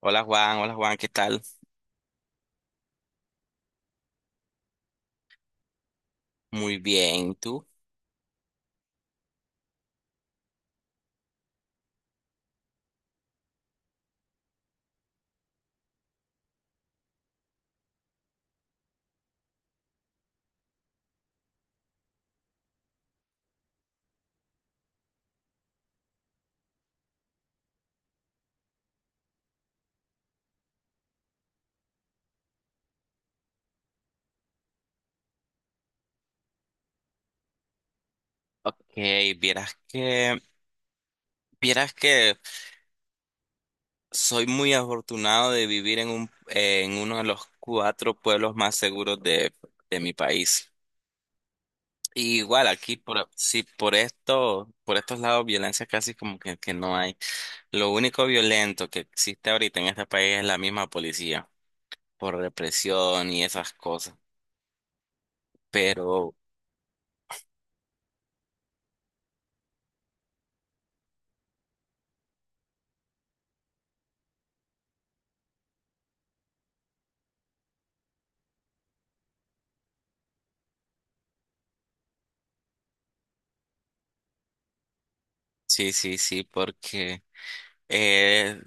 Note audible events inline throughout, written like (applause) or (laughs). Hola Juan, ¿qué tal? Muy bien, ¿y tú? Ok, vieras que, vieras que soy muy afortunado de vivir en en uno de los cuatro pueblos más seguros de mi país. Y igual aquí, sí, por esto, por estos lados, violencia casi como que no hay. Lo único violento que existe ahorita en este país es la misma policía, por represión y esas cosas. Pero sí, sí, sí, porque Eh,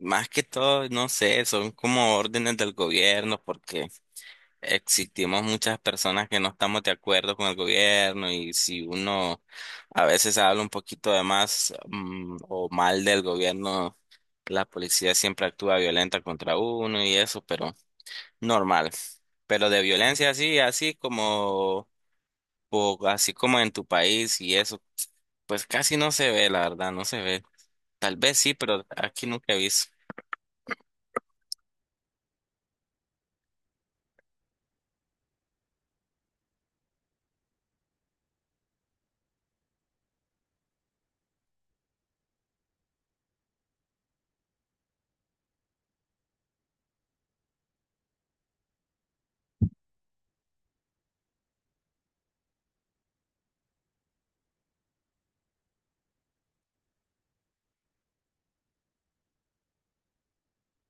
más que todo, no sé, son como órdenes del gobierno porque existimos muchas personas que no estamos de acuerdo con el gobierno y si uno a veces habla un poquito de más, o mal del gobierno, la policía siempre actúa violenta contra uno y eso, pero normal. Pero de violencia así como, o así como en tu país y eso, pues casi no se ve, la verdad, no se ve. Tal vez sí, pero aquí nunca he visto.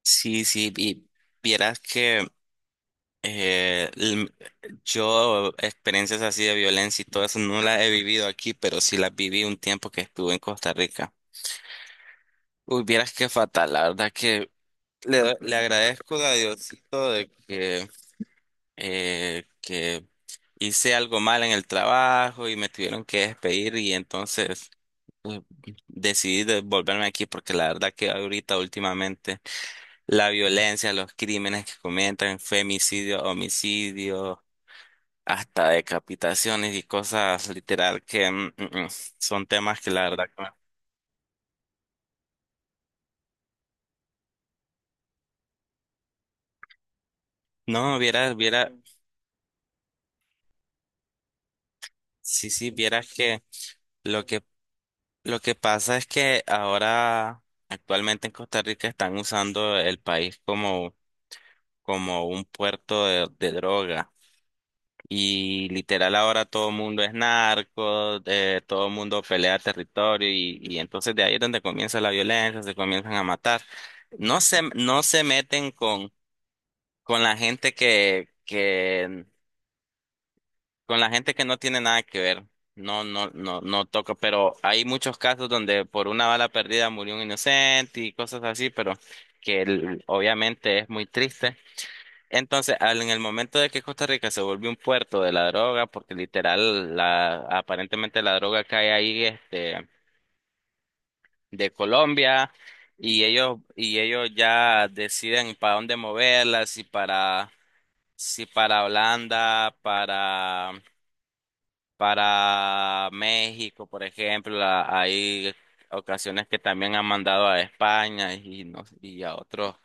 Sí, sí, y vieras que eh, l- yo experiencias así de violencia y todo eso no las he vivido aquí, pero sí las viví un tiempo que estuve en Costa Rica. Uy, vieras qué fatal, la verdad que le agradezco a Diosito de que hice algo mal en el trabajo y me tuvieron que despedir y entonces eh, volverme aquí porque la verdad que ahorita últimamente la violencia, los crímenes que cometen, femicidio, homicidio, hasta decapitaciones y cosas literal que, son temas que la verdad que no, vieras, viera, sí, sí, vieras que lo que lo que pasa es que ahora actualmente en Costa Rica están usando el país como como un puerto de droga. Y literal ahora todo el mundo es narco, todo el mundo pelea territorio y entonces de ahí es donde comienza la violencia, se comienzan a matar. No se meten con la gente con la gente que no tiene nada que ver. No, no toca, pero hay muchos casos donde por una bala perdida murió un inocente y cosas así, pero obviamente es muy triste. Entonces, en el momento de que Costa Rica se volvió un puerto de la droga, porque literal, aparentemente la droga cae ahí, este, de Colombia, y ellos ya deciden para dónde moverla, si para Holanda, para México, por ejemplo, hay ocasiones que también han mandado a España y, no- y a otros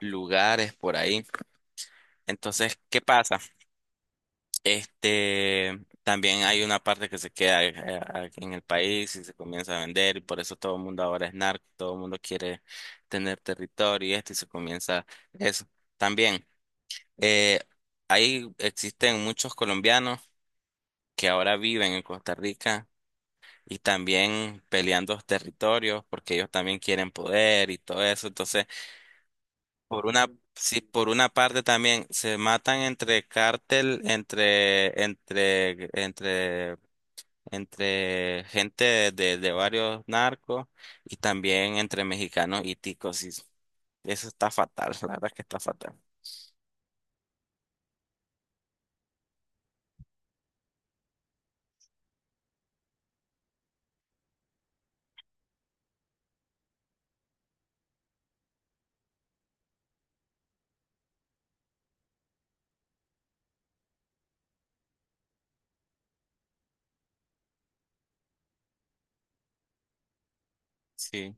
lugares por ahí. Entonces, ¿qué pasa? Este, también hay una parte que se queda aquí en el país y se comienza a vender y por eso todo el mundo ahora es narco, todo el mundo quiere tener territorio y esto y se comienza eso. También, eh, ahí existen muchos colombianos que ahora viven en Costa Rica y también peleando los territorios porque ellos también quieren poder y todo eso. Entonces, por una, sí, por una parte también se matan entre cártel, entre gente de varios narcos y también entre mexicanos y ticos. Y eso está fatal, (laughs) la verdad es que está fatal. Sí.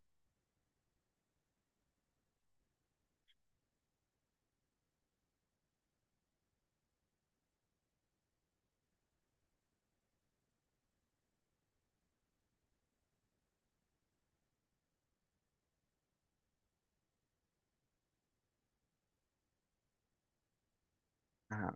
Ajá.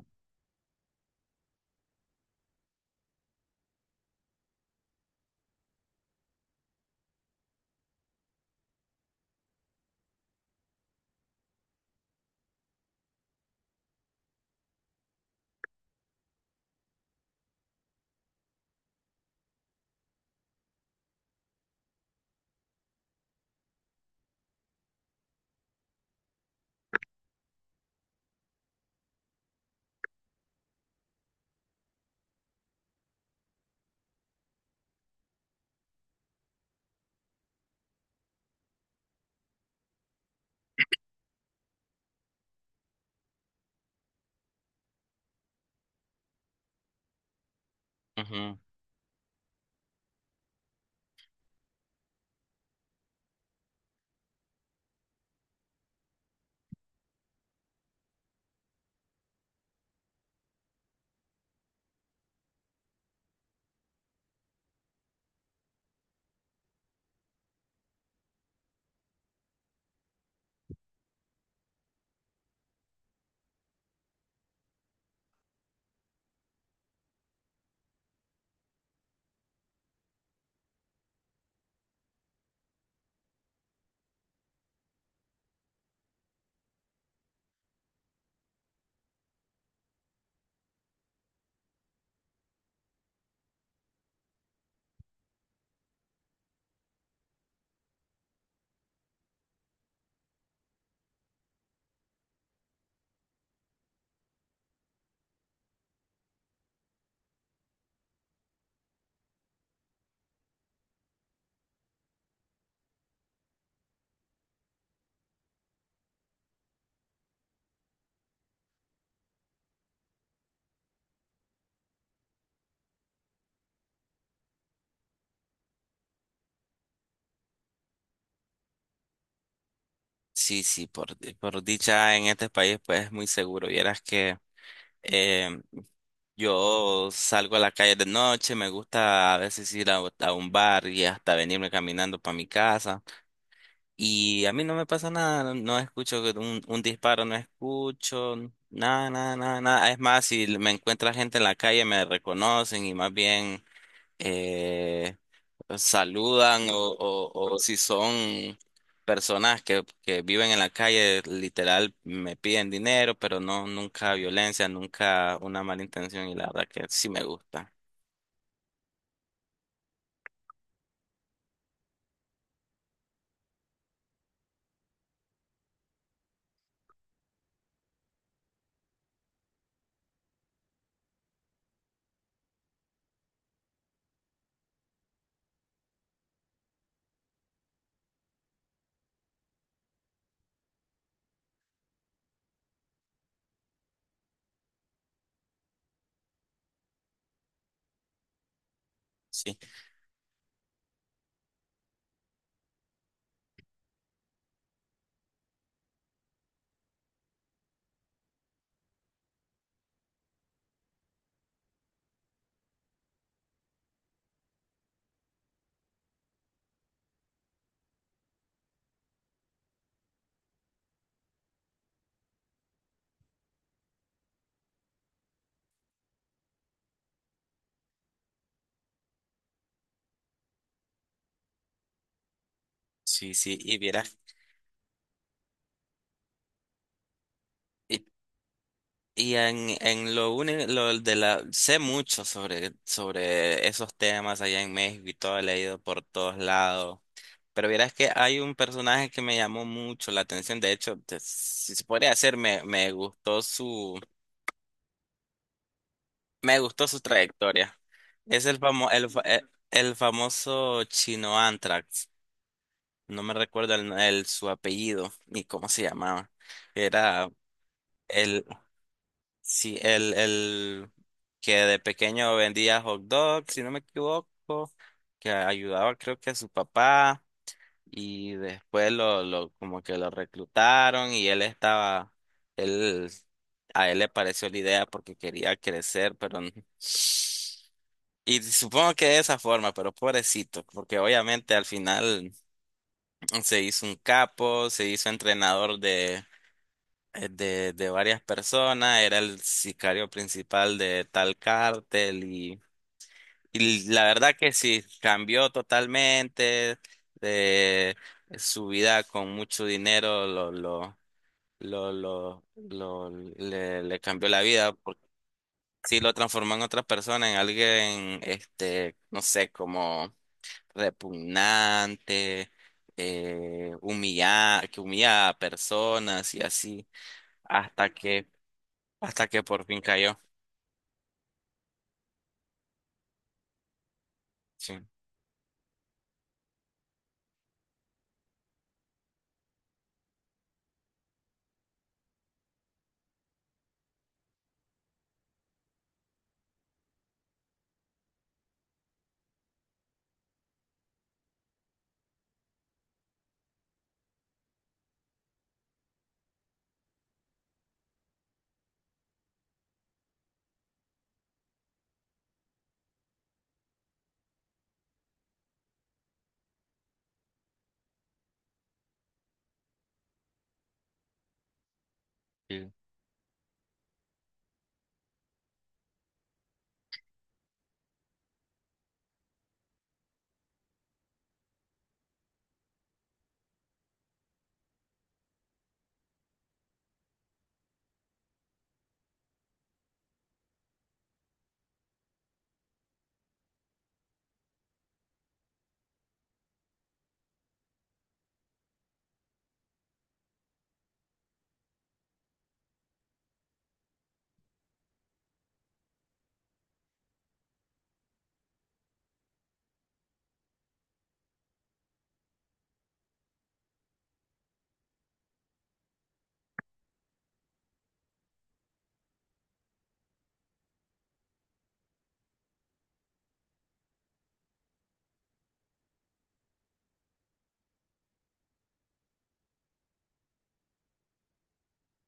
Ujú. Sí, sí, por dicha en este país pues es muy seguro. Vieras que eh, yo salgo a la calle de noche, me gusta a veces ir a un bar y hasta venirme caminando para mi casa. Y a mí no me pasa nada, no, no escucho que un disparo, no escucho nada, nada, nada, nada. Es más, si me encuentra gente en la calle, me reconocen y más bien eh, saludan o si son personas que viven en la calle, literal, me piden dinero, pero no, nunca violencia, nunca una mala intención y la verdad que sí me gusta. Sí, sí, sí. Y vieras. Y en lo único, lo de la, sé mucho sobre, sobre esos temas allá en México y todo, he leído por todos lados. Pero verás que hay un personaje que me llamó mucho la atención. De hecho, si se podría hacer, me gustó me gustó su trayectoria. Es el el famoso Chino Anthrax. No me recuerdo su apellido ni cómo se llamaba. Era el, sí, el que de pequeño vendía hot dogs, si no me equivoco, que ayudaba creo que a su papá y después lo como que lo reclutaron y él él, a él le pareció la idea porque quería crecer, y supongo que de esa forma, pero pobrecito, porque obviamente al final se hizo un capo, se hizo entrenador de varias personas, era el sicario principal de tal cártel y la verdad que sí, cambió totalmente de su vida con mucho dinero, lo, lo, lo- le cambió la vida porque sí lo transformó en otra persona, en alguien, este, no sé, como repugnante. Que humillaba a personas y así hasta que por fin cayó. Sí. Sí.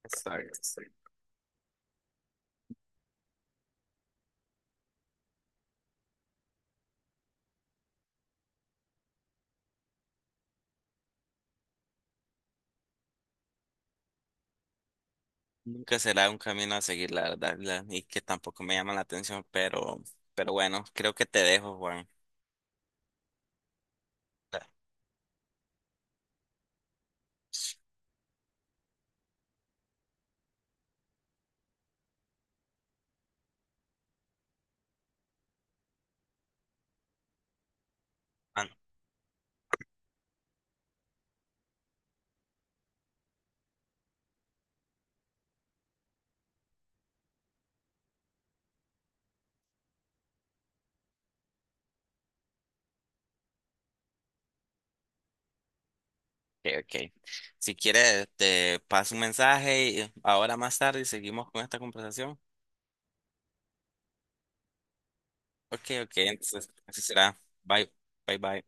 Exacto, sí. Nunca será un camino a seguir, la verdad, y que tampoco me llama la atención, pero bueno, creo que te dejo, Juan. Ah, no. Ok, ok. Si quieres, te paso un mensaje y ahora más tarde seguimos con esta conversación. Ok, ok, entonces así será. Bye, bye, bye.